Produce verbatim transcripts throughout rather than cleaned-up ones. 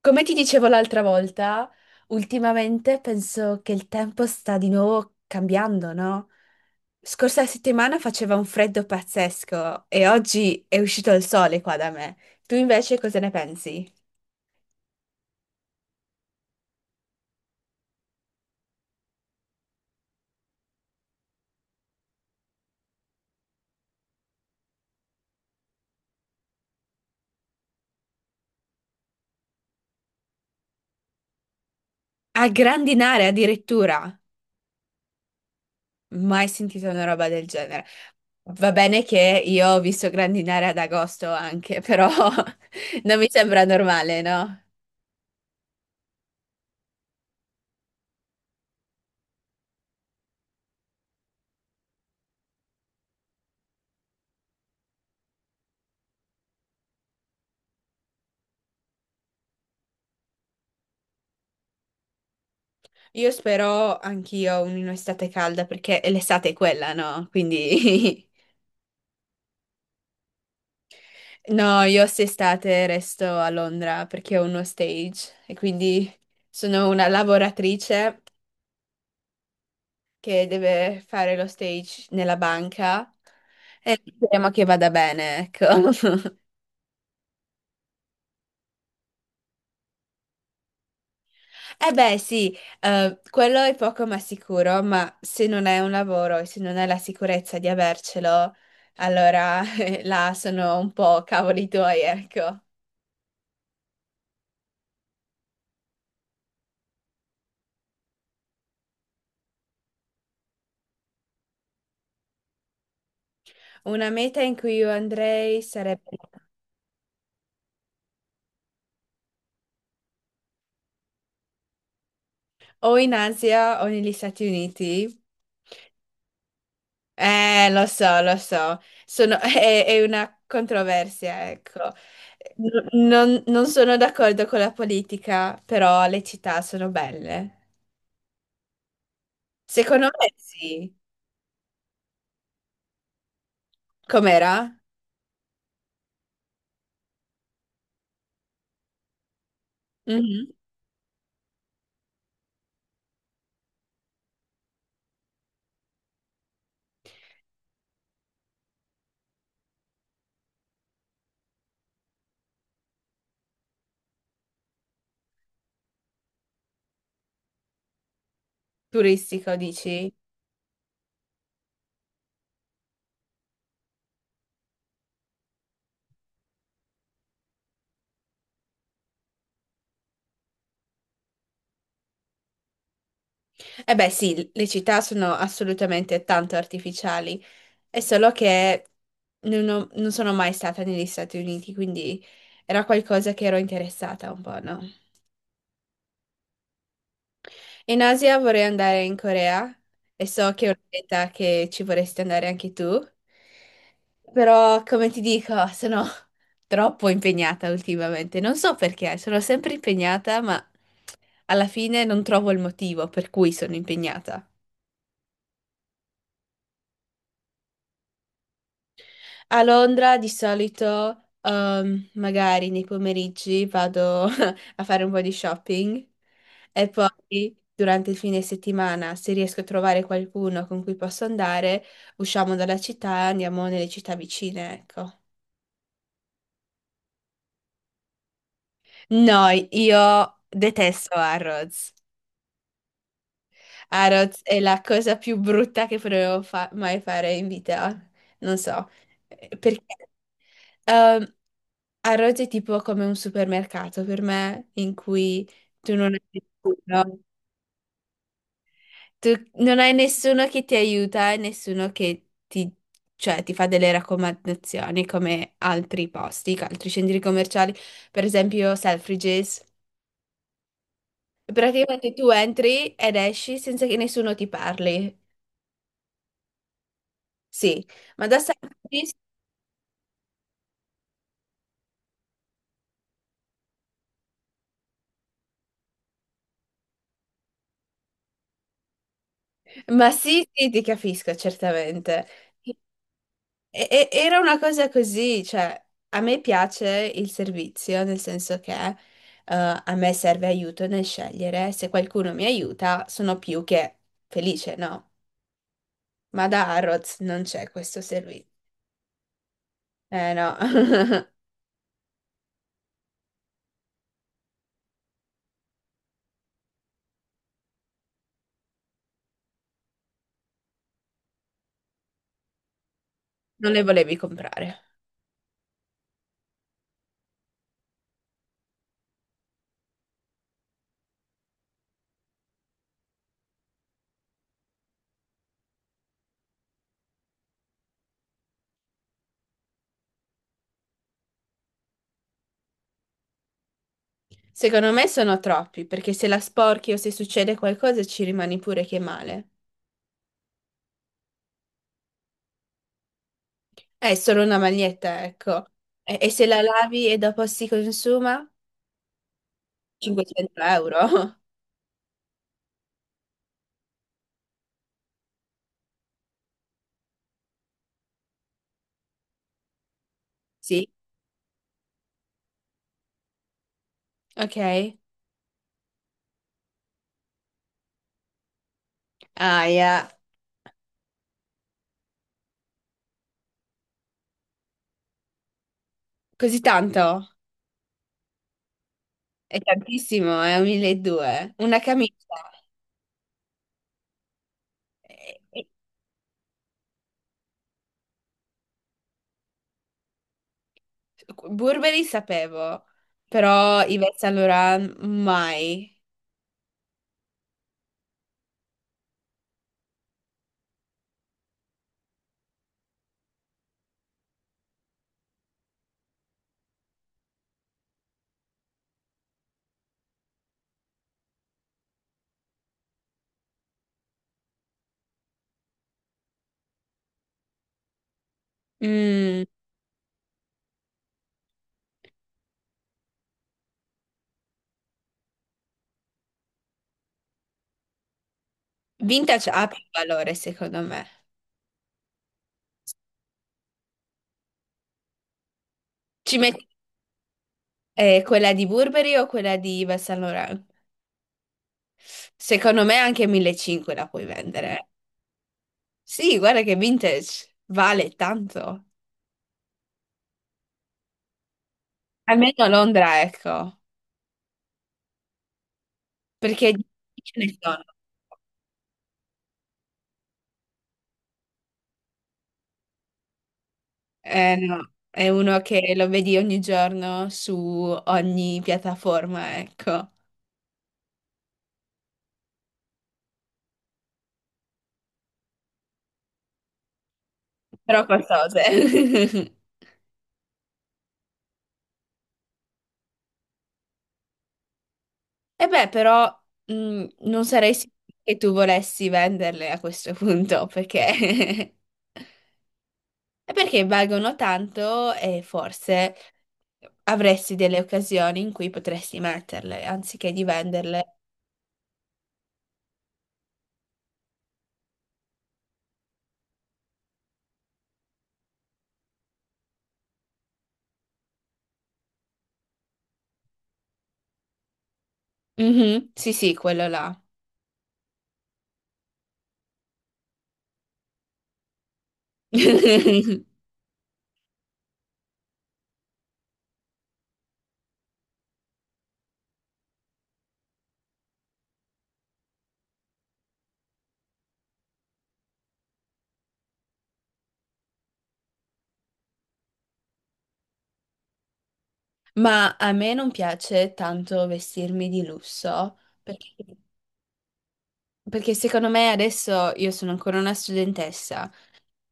Come ti dicevo l'altra volta, ultimamente penso che il tempo sta di nuovo cambiando, no? Scorsa settimana faceva un freddo pazzesco e oggi è uscito il sole qua da me. Tu invece cosa ne pensi? A grandinare addirittura. Mai sentito una roba del genere. Va bene che io ho visto grandinare ad agosto anche, però non mi sembra normale, no? Io spero anch'io un'estate calda perché l'estate è quella, no? Quindi no, io quest'estate resto a Londra perché ho uno stage e quindi sono una lavoratrice che deve fare lo stage nella banca. Speriamo che vada bene, ecco. Eh beh, sì, eh, quello è poco ma sicuro, ma se non è un lavoro e se non è la sicurezza di avercelo, allora eh, là sono un po' cavoli tuoi, ecco. Una meta in cui io andrei sarebbe o in Asia o negli Stati Uniti. Eh, lo so, lo so, Sono- è, è una controversia, ecco. N- non, non sono d'accordo con la politica, però le città sono belle. Secondo me sì. Com'era? Mhm. Turistico, dici? Eh beh, sì, le città sono assolutamente tanto artificiali, è solo che non, ho- non sono mai stata negli Stati Uniti, quindi era qualcosa che ero interessata un po', no? In Asia vorrei andare in Corea e so che è una meta che ci vorresti andare anche tu, però come ti dico, sono troppo impegnata ultimamente. Non so perché, sono sempre impegnata, ma alla fine non trovo il motivo per cui sono impegnata. A Londra di solito, ehm, magari nei pomeriggi vado a fare un po' di shopping e poi durante il fine settimana, se riesco a trovare qualcuno con cui posso andare, usciamo dalla città e andiamo nelle città vicine, ecco. No, io detesto Harrods. Harrods è la cosa più brutta che potevo fa- mai fare in vita. Non so. eh, Perché? Ehm, a Rhodes è tipo come un supermercato per me, in cui tu non hai nessuno, tu non hai nessuno che ti aiuta e nessuno che ti, cioè, ti fa delle raccomandazioni come altri posti, altri centri commerciali, per esempio Selfridges. Praticamente tu entri ed esci senza che nessuno ti parli. Sì, ma da Selfridges. Ma sì, sì, ti capisco, certamente. E- e- era una cosa così, cioè, a me piace il servizio, nel senso che eh, a me serve aiuto nel scegliere, se qualcuno mi aiuta sono più che felice, no? Ma da Harrods non c'è questo servizio. Eh no, non le volevi comprare. Secondo me sono troppi, perché se la sporchi o se succede qualcosa ci rimani pure che male. È solo una maglietta, ecco. E, e se la lavi e dopo si consuma? cinquecento euro. Sì, ok. Ah, yeah. Così tanto? È tantissimo, è un milleduecento. Una camicia. E- e- Burberry sapevo, però Yves Saint Laurent mai. Mm, vintage ha più valore, secondo me. Ci metti eh, quella di Burberry o quella di Yves Saint Laurent? Secondo me anche millecinquecento la puoi vendere. Sì, guarda che vintage vale tanto. Almeno a Londra, ecco. Perché di- ce ne sono. Eh, no, è uno che lo vedi ogni giorno su ogni piattaforma, ecco. Però costose. E beh, però mh, non sarei sicura che tu volessi venderle a questo punto, perché. È perché valgono tanto e forse avresti delle occasioni in cui potresti metterle, anziché di venderle. Mhm, sì, sì, quello là. Ma a me non piace tanto vestirmi di lusso perché, perché, secondo me adesso io sono ancora una studentessa,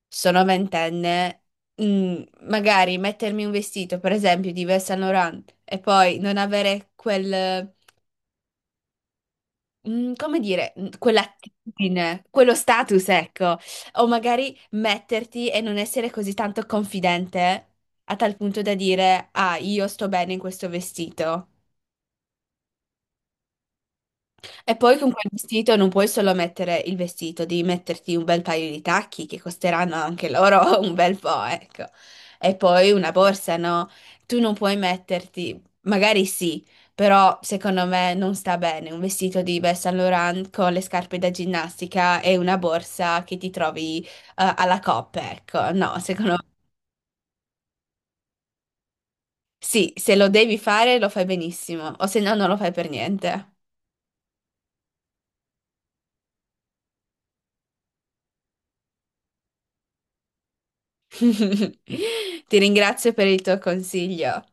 sono ventenne, mm, magari mettermi un vestito, per esempio, di Yves Saint Laurent e poi non avere quel, mm, come dire, mm, quell'attitudine, quello status, ecco, o magari metterti e non essere così tanto confidente a tal punto da dire, ah, io sto bene in questo vestito. E poi con quel vestito non puoi solo mettere il vestito, devi metterti un bel paio di tacchi che costeranno anche loro un bel po', ecco. E poi una borsa, no? Tu non puoi metterti, magari sì, però secondo me non sta bene un vestito di Yves Saint Laurent con le scarpe da ginnastica e una borsa che ti trovi eh, alla coppa, ecco. No, secondo me sì, se lo devi fare lo fai benissimo, o se no non lo fai per niente. Ti ringrazio per il tuo consiglio.